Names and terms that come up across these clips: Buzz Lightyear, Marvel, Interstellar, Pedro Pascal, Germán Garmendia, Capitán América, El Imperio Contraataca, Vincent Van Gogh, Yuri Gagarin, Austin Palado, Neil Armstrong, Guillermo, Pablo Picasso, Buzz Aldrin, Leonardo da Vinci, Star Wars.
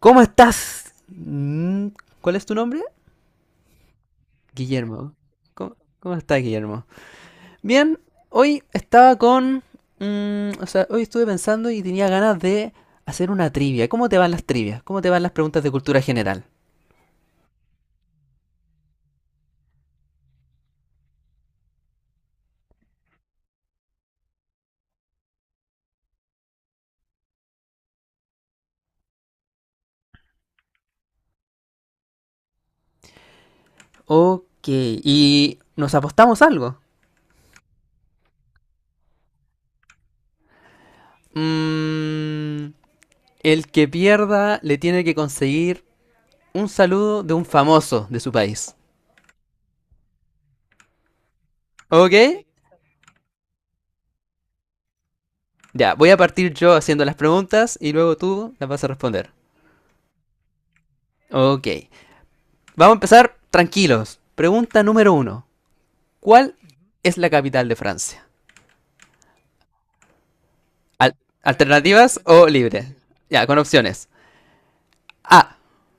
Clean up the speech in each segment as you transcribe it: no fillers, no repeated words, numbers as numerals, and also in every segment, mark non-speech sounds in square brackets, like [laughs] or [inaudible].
¿Cómo estás? ¿Cuál es tu nombre? Guillermo. ¿Cómo estás, Guillermo? Bien, hoy estaba con... o sea, hoy estuve pensando y tenía ganas de hacer una trivia. ¿Cómo te van las trivias? ¿Cómo te van las preguntas de cultura general? Ok, y nos apostamos algo. Mm, el que pierda le tiene que conseguir un saludo de un famoso de su país. ¿Ok? Ya, voy a partir yo haciendo las preguntas y luego tú las vas a responder. Ok. Vamos a empezar tranquilos. Pregunta número uno. ¿Cuál es la capital de Francia? Al- ¿Alternativas o libre? Ya, con opciones. A.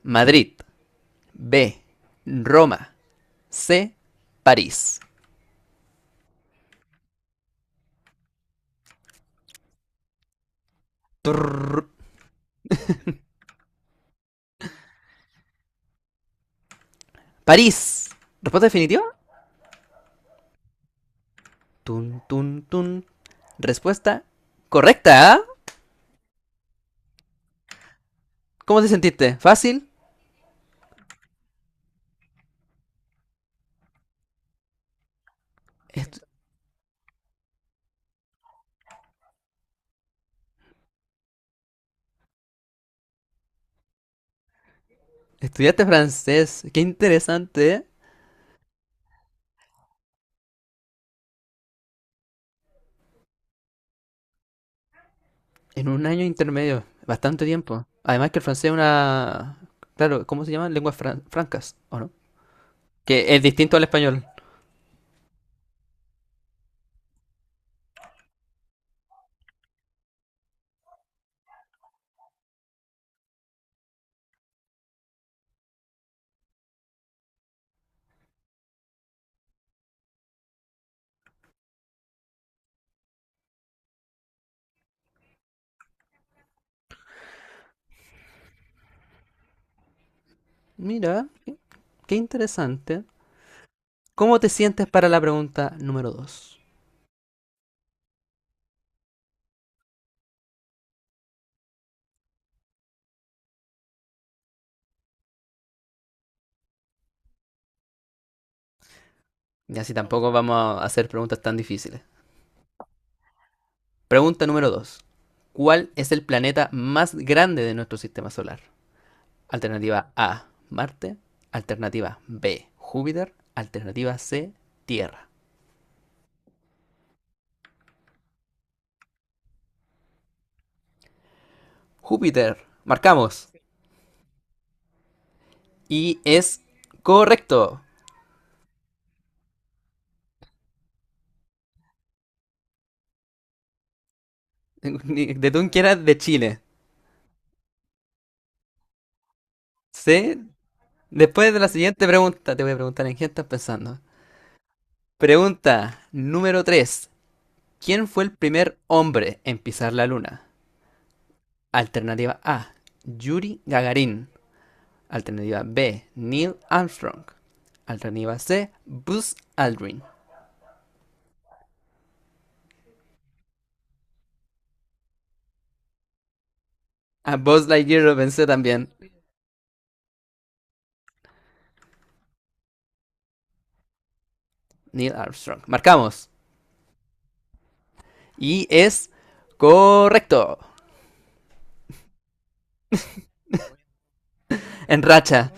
Madrid. B. Roma. C. París. Turr. París. ¿Respuesta definitiva? Tun, tun, tun. Respuesta correcta. ¿Ah? ¿Cómo te sentiste? ¿Fácil? Estu- Estudiaste francés. Qué interesante. ¿Eh? En un año intermedio, bastante tiempo. Además que el francés es una... Claro, ¿cómo se llaman? Lenguas francas, ¿o no? Que es distinto al español. Mira, qué interesante. ¿Cómo te sientes para la pregunta número dos? Y así tampoco vamos a hacer preguntas tan difíciles. Pregunta número 2. ¿Cuál es el planeta más grande de nuestro sistema solar? Alternativa A, Marte. Alternativa B, Júpiter. Alternativa C, Tierra. Júpiter. Marcamos. Y es correcto. De tú que era de Chile. ¿Sí? Después de la siguiente pregunta, te voy a preguntar en qué estás pensando. Pregunta número 3. ¿Quién fue el primer hombre en pisar la luna? Alternativa A. Yuri Gagarin. Alternativa B. Neil Armstrong. Alternativa C. Buzz Aldrin. A Buzz Lightyear lo pensé también. Neil Armstrong. Marcamos. Y es correcto. En racha.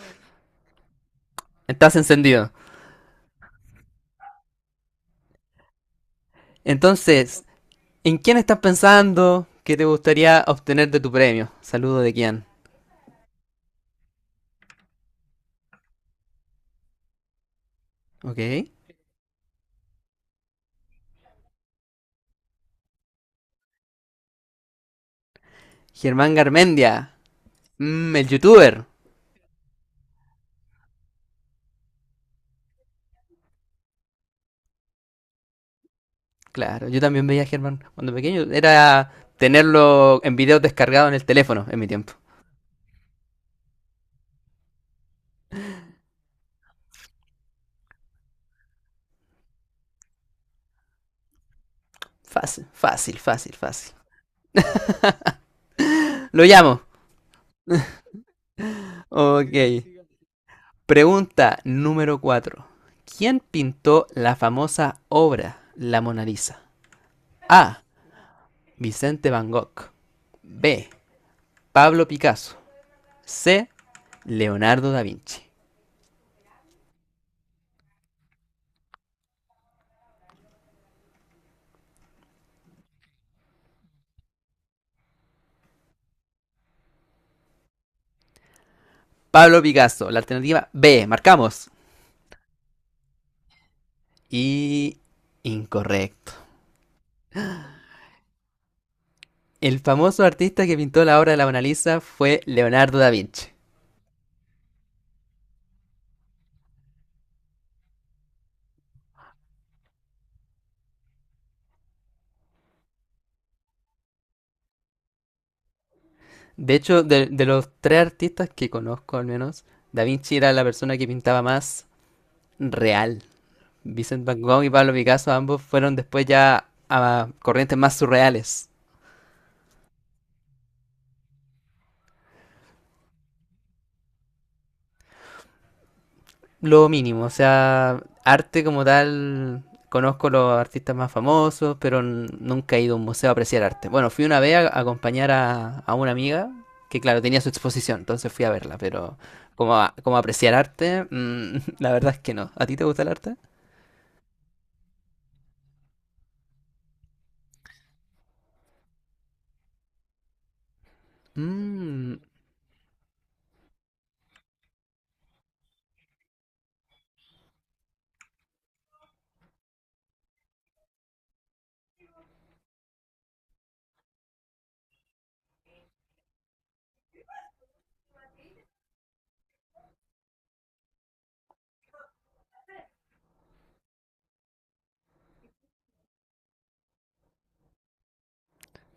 Estás encendido. Entonces, ¿en quién estás pensando que te gustaría obtener de tu premio? Saludo de quién. Ok. Germán Garmendia. El youtuber. Claro, yo también veía a Germán cuando pequeño. Era tenerlo en video descargado en el teléfono en mi tiempo. Fácil, fácil, fácil, fácil. Lo llamo. Ok. Pregunta número 4. ¿Quién pintó la famosa obra La Mona Lisa? A. Vicente Van Gogh. B. Pablo Picasso. C. Leonardo da Vinci. Pablo Picasso, la alternativa B, marcamos. Y incorrecto. El famoso artista que pintó la obra de la Mona Lisa fue Leonardo da Vinci. De hecho, de los tres artistas que conozco al menos, da Vinci era la persona que pintaba más real. Vincent Van Gogh y Pablo Picasso ambos fueron después ya a corrientes más surreales. Lo mínimo, o sea, arte como tal, conozco los artistas más famosos, pero nunca he ido a un museo a apreciar arte. Bueno, fui una vez a acompañar a una amiga que, claro, tenía su exposición, entonces fui a verla, pero como, como apreciar arte, [laughs] la verdad es que no. ¿A ti te gusta el arte? Mm,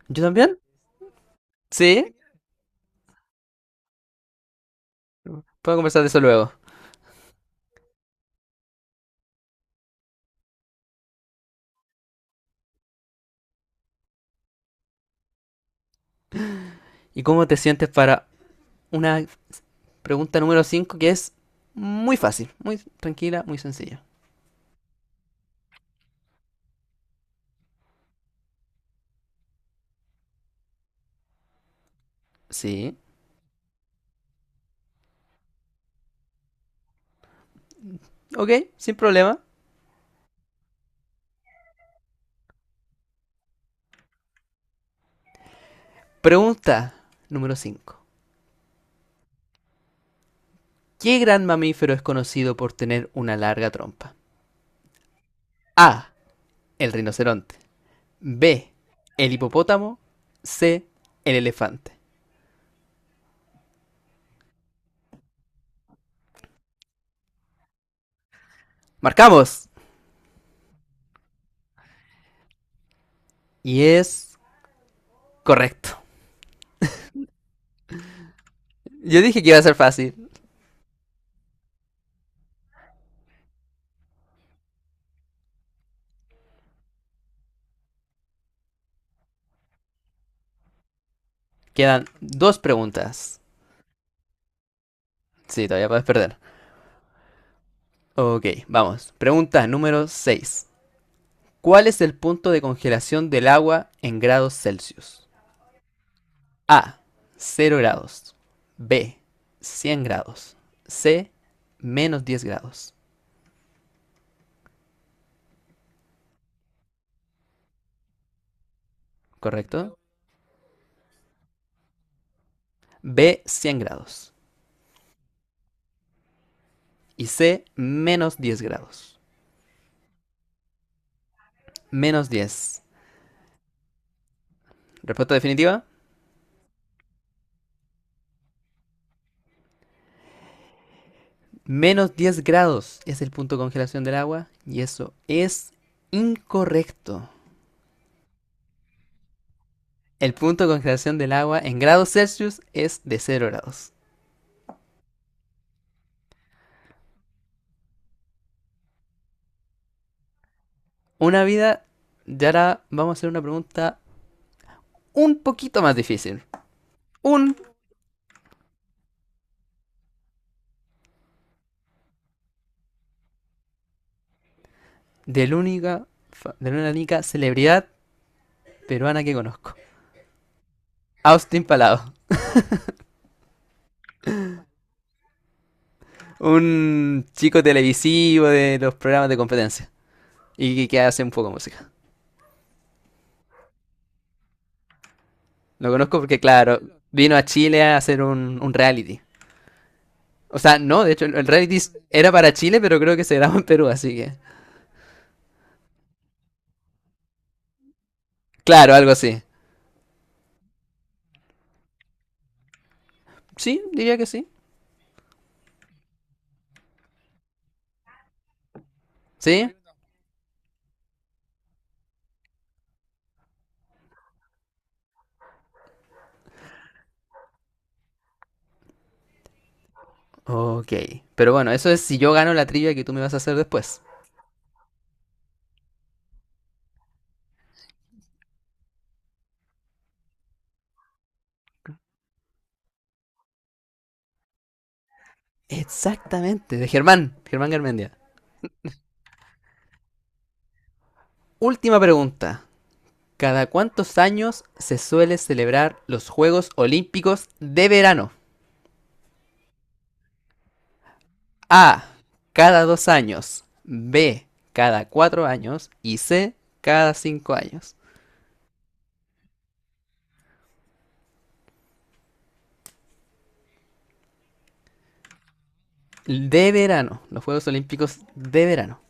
¿Yo también? Sí, puedo conversar de eso luego. ¿Y cómo te sientes para una pregunta número 5 que es muy fácil, muy tranquila, muy sencilla? Sí, ok, sin problema. Pregunta número 5. ¿Qué gran mamífero es conocido por tener una larga trompa? A. El rinoceronte. B. El hipopótamo. C. El elefante. Marcamos. Y es correcto. Yo dije que iba a ser fácil. Quedan dos preguntas. Sí, todavía puedes perder. Ok, vamos. Pregunta número 6. ¿Cuál es el punto de congelación del agua en grados Celsius? A. Cero grados. B. 100 grados. C. -10 grados. ¿Correcto? B. Cien grados. Y C. -10 grados. Menos diez. Respuesta definitiva. -10 grados es el punto de congelación del agua y eso es incorrecto. El punto de congelación del agua en grados Celsius es de cero grados. Una vida, y ahora vamos a hacer una pregunta un poquito más difícil. Un de la única, de la única, celebridad peruana que conozco. Austin Palado, un chico televisivo de los programas de competencia y que hace un poco de música. Lo conozco porque, claro, vino a Chile a hacer un reality. O sea, no, de hecho, el reality era para Chile, pero creo que se grabó en Perú, así que... Claro, algo así. Sí, diría que sí. ¿Sí? Ok. Pero bueno, eso es si yo gano la trivia que tú me vas a hacer después. Exactamente, de Germán, Germán Garmendia. Última pregunta. ¿Cada cuántos años se suele celebrar los Juegos Olímpicos de verano? A. Cada dos años. B. Cada cuatro años. Y C. Cada cinco años. De verano. Los Juegos Olímpicos de verano.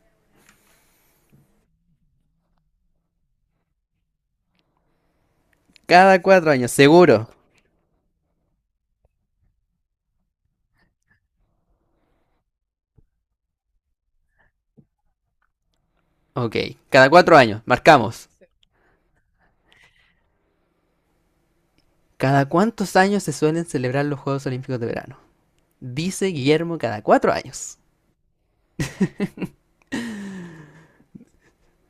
Cada cuatro años, seguro. Ok. Cada cuatro años. Marcamos. ¿Cada cuántos años se suelen celebrar los Juegos Olímpicos de verano? Dice Guillermo cada cuatro años.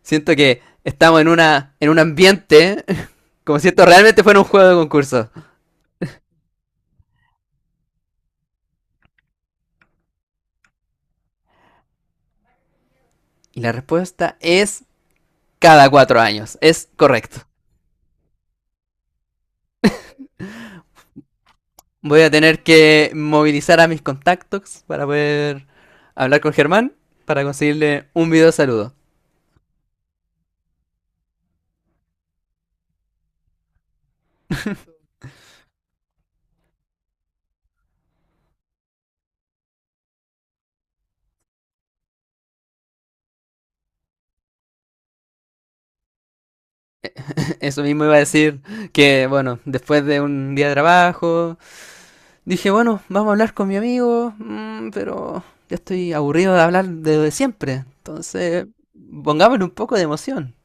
Siento que estamos en una en un ambiente [laughs] como si esto realmente fuera un juego de concurso. Y la respuesta es cada cuatro años. Es correcto. Voy a tener que movilizar a mis contactos para poder hablar con Germán para conseguirle un video saludo. [laughs] Eso mismo iba a decir que, bueno, después de un día de trabajo, dije, bueno, vamos a hablar con mi amigo, pero ya estoy aburrido de hablar de, siempre. Entonces, pongámosle un poco de emoción.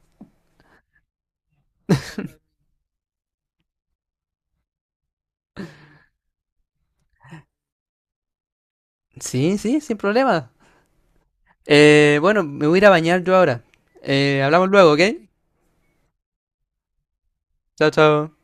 Sí, sí, sin problema. Bueno, me voy a ir a bañar yo ahora. Hablamos luego, ¿ok? Chao, chao.